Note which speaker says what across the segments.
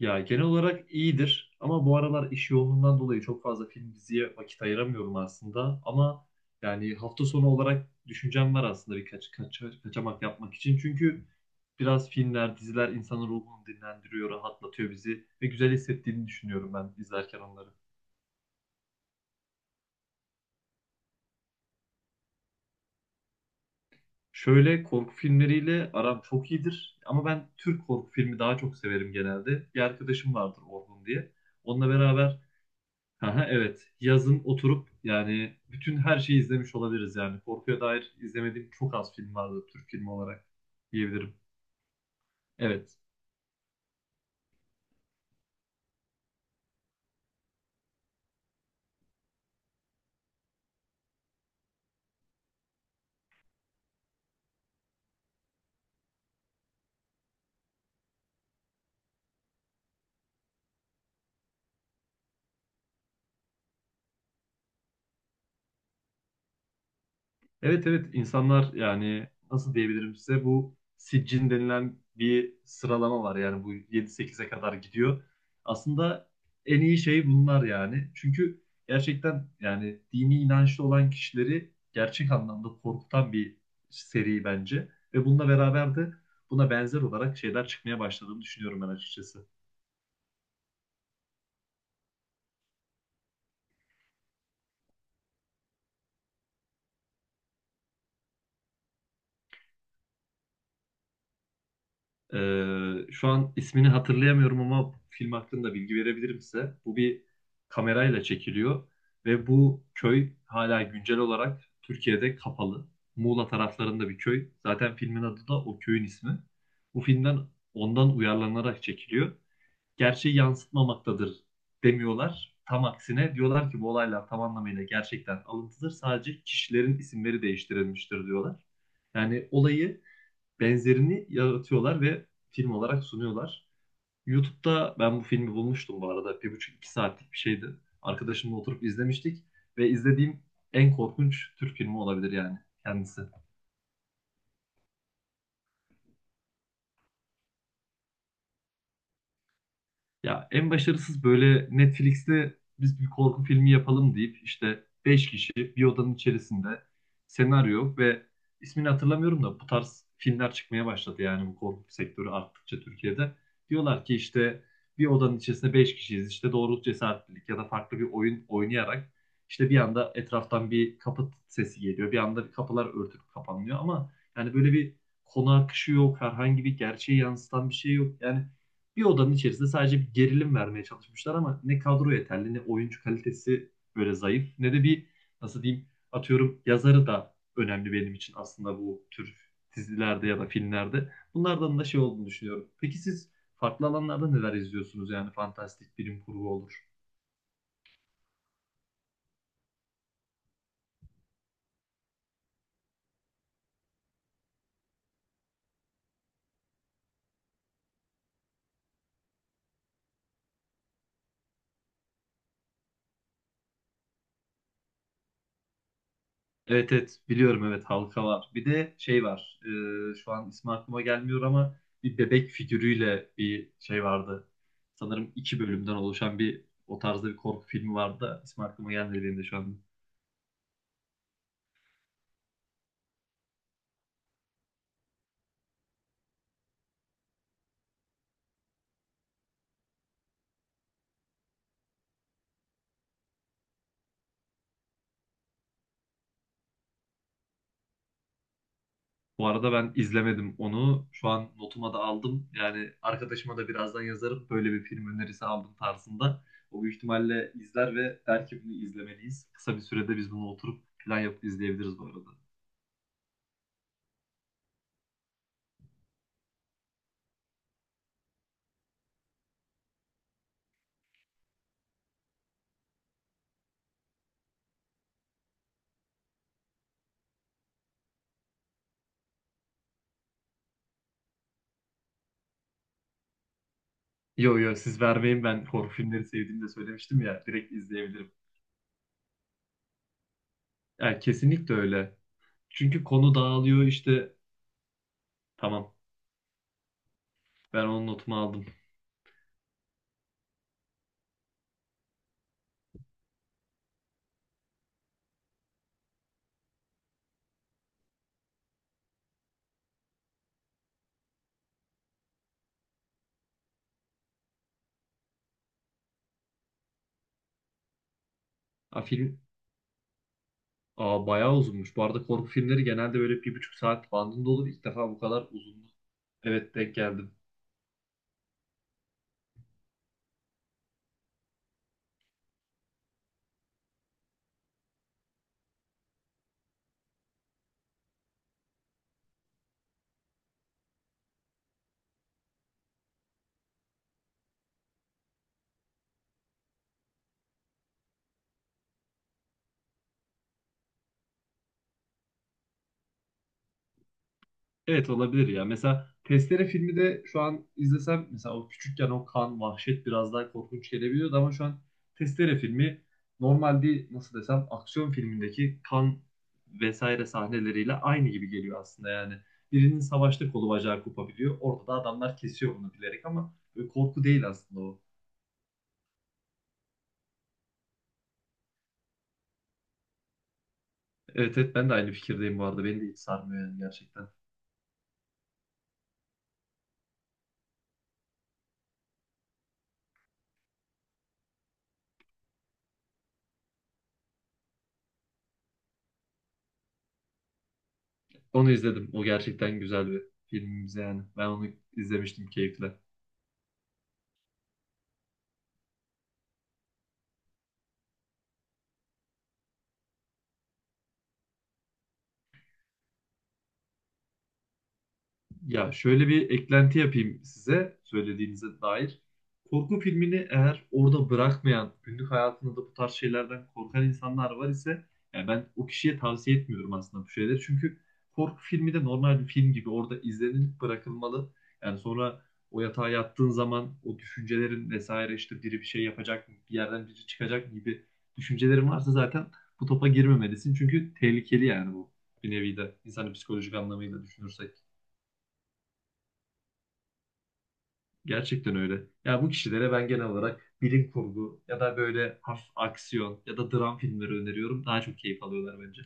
Speaker 1: Ya genel olarak iyidir ama bu aralar iş yoğunluğundan dolayı çok fazla film diziye vakit ayıramıyorum aslında. Ama yani hafta sonu olarak düşüncem var aslında kaçamak yapmak için. Çünkü biraz filmler, diziler insanın ruhunu dinlendiriyor, rahatlatıyor bizi ve güzel hissettiğini düşünüyorum ben izlerken onları. Şöyle korku filmleriyle aram çok iyidir ama ben Türk korku filmi daha çok severim genelde. Bir arkadaşım vardır Orhun diye. Onunla beraber aha, evet. Yazın oturup yani bütün her şeyi izlemiş olabiliriz yani. Korkuya dair izlemediğim çok az film vardı Türk filmi olarak diyebilirim. Evet. Evet, evet, insanlar yani nasıl diyebilirim size bu siccin denilen bir sıralama var yani bu yedi sekize kadar gidiyor. Aslında en iyi şey bunlar yani. Çünkü gerçekten yani dini inançlı olan kişileri gerçek anlamda korkutan bir seri bence. Ve bununla beraber de buna benzer olarak şeyler çıkmaya başladığını düşünüyorum ben açıkçası. Şu an ismini hatırlayamıyorum ama film hakkında bilgi verebilirim size. Bu bir kamerayla çekiliyor ve bu köy hala güncel olarak Türkiye'de kapalı. Muğla taraflarında bir köy. Zaten filmin adı da o köyün ismi. Bu filmden ondan uyarlanarak çekiliyor. Gerçeği yansıtmamaktadır demiyorlar. Tam aksine diyorlar ki bu olaylar tam anlamıyla gerçekten alıntıdır. Sadece kişilerin isimleri değiştirilmiştir diyorlar. Yani olayı benzerini yaratıyorlar ve film olarak sunuyorlar. YouTube'da ben bu filmi bulmuştum bu arada. 1,5 2 saatlik bir şeydi. Arkadaşımla oturup izlemiştik ve izlediğim en korkunç Türk filmi olabilir yani kendisi. Ya en başarısız böyle Netflix'te biz bir korku filmi yapalım deyip işte 5 kişi bir odanın içerisinde senaryo ve ismini hatırlamıyorum da bu tarz filmler çıkmaya başladı yani bu korku sektörü arttıkça Türkiye'de. Diyorlar ki işte bir odanın içerisinde 5 kişiyiz işte doğruluk cesaretlilik ya da farklı bir oyun oynayarak işte bir anda etraftan bir kapı sesi geliyor bir anda kapılar örtülüp kapanıyor ama yani böyle bir konu akışı yok herhangi bir gerçeği yansıtan bir şey yok yani bir odanın içerisinde sadece bir gerilim vermeye çalışmışlar ama ne kadro yeterli ne oyuncu kalitesi böyle zayıf ne de bir nasıl diyeyim atıyorum yazarı da önemli benim için aslında bu tür dizilerde ya da filmlerde. Bunlardan da şey olduğunu düşünüyorum. Peki siz farklı alanlarda neler izliyorsunuz? Yani fantastik bilim kurgu olur. Evet, evet, biliyorum, evet, halka var. Bir de şey var. Şu an ismi aklıma gelmiyor ama bir bebek figürüyle bir şey vardı. Sanırım iki bölümden oluşan bir o tarzda bir korku filmi vardı da ismi aklıma gelmedi benim de şu an. Bu arada ben izlemedim onu. Şu an notuma da aldım. Yani arkadaşıma da birazdan yazarım. Böyle bir film önerisi aldım tarzında. O büyük ihtimalle izler ve der ki bunu izlemeliyiz. Kısa bir sürede biz bunu oturup plan yapıp izleyebiliriz bu arada. Yo yo siz vermeyin, ben korku filmleri sevdiğimi de söylemiştim ya, direkt izleyebilirim. Yani kesinlikle öyle. Çünkü konu dağılıyor işte. Tamam, ben onun notumu aldım. A, film Bayağı uzunmuş. Bu arada korku filmleri genelde böyle bir buçuk saat bandında olur. İlk defa bu kadar uzun. Evet, denk geldim. Evet, olabilir ya. Mesela Testere filmi de şu an izlesem mesela o küçükken o kan, vahşet biraz daha korkunç gelebiliyordu ama şu an Testere filmi normal bir nasıl desem aksiyon filmindeki kan vesaire sahneleriyle aynı gibi geliyor aslında yani. Birinin savaşta kolu bacağı kopabiliyor. Orada da adamlar kesiyor bunu bilerek ama böyle korku değil aslında o. Evet, evet, ben de aynı fikirdeyim bu arada. Beni de hiç sarmıyor yani gerçekten. Onu izledim. O gerçekten güzel bir filmimiz yani. Ben onu izlemiştim keyifle. Ya şöyle bir eklenti yapayım size söylediğinize dair. Korku filmini eğer orada bırakmayan, günlük hayatında da bu tarz şeylerden korkan insanlar var ise yani ben o kişiye tavsiye etmiyorum aslında bu şeyleri. Çünkü korku filmi de normal bir film gibi orada izlenilip bırakılmalı. Yani sonra o yatağa yattığın zaman o düşüncelerin vesaire işte biri bir şey yapacak mı, bir yerden biri çıkacak gibi düşüncelerin varsa zaten bu topa girmemelisin. Çünkü tehlikeli yani bu, bir nevi de insanın psikolojik anlamıyla düşünürsek. Gerçekten öyle. Ya bu kişilere ben genel olarak bilim kurgu ya da böyle hafif aksiyon ya da dram filmleri öneriyorum. Daha çok keyif alıyorlar bence.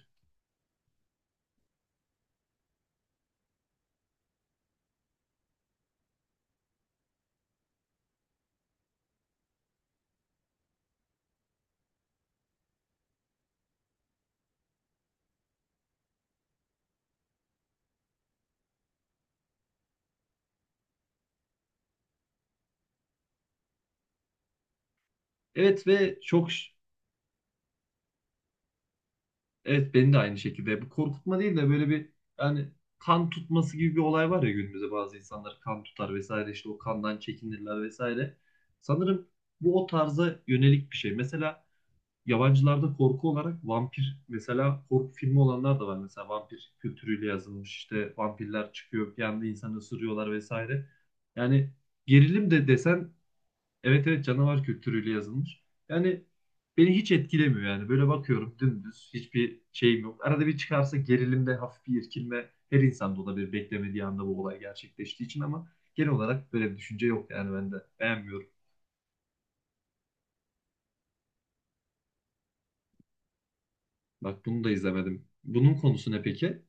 Speaker 1: Evet ve çok evet beni de aynı şekilde bu korkutma değil de böyle bir yani kan tutması gibi bir olay var ya, günümüzde bazı insanlar kan tutar vesaire işte o kandan çekinirler vesaire. Sanırım bu o tarza yönelik bir şey. Mesela yabancılarda korku olarak vampir mesela korku filmi olanlar da var. Mesela vampir kültürüyle yazılmış işte vampirler çıkıyor bir anda insanı ısırıyorlar vesaire. Yani gerilim de desen evet, evet, canavar kültürüyle yazılmış. Yani beni hiç etkilemiyor yani. Böyle bakıyorum dümdüz hiçbir şeyim yok. Arada bir çıkarsa gerilimde hafif bir irkilme her insanda olabilir beklemediği anda bu olay gerçekleştiği için ama genel olarak böyle bir düşünce yok yani ben de beğenmiyorum. Bak, bunu da izlemedim. Bunun konusu ne peki?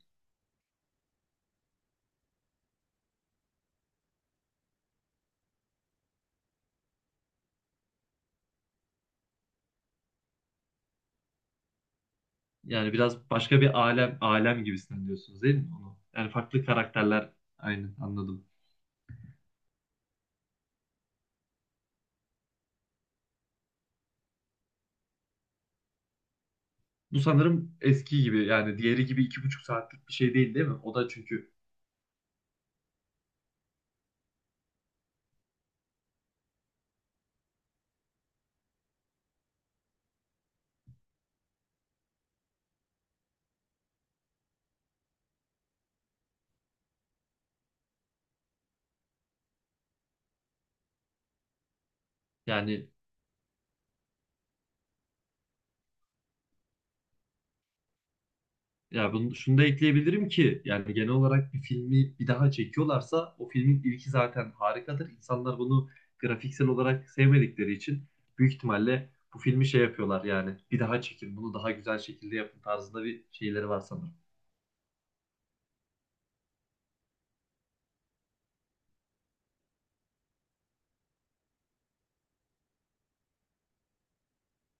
Speaker 1: Yani biraz başka bir alem gibisinden diyorsunuz değil mi onu? Yani farklı karakterler aynı, anladım. Bu sanırım eski gibi yani diğeri gibi 2,5 saatlik bir şey değil mi? O da çünkü yani ya bunu şunu da ekleyebilirim ki yani genel olarak bir filmi bir daha çekiyorlarsa o filmin ilki zaten harikadır. İnsanlar bunu grafiksel olarak sevmedikleri için büyük ihtimalle bu filmi şey yapıyorlar yani bir daha çekin bunu daha güzel şekilde yapın tarzında bir şeyleri var sanırım.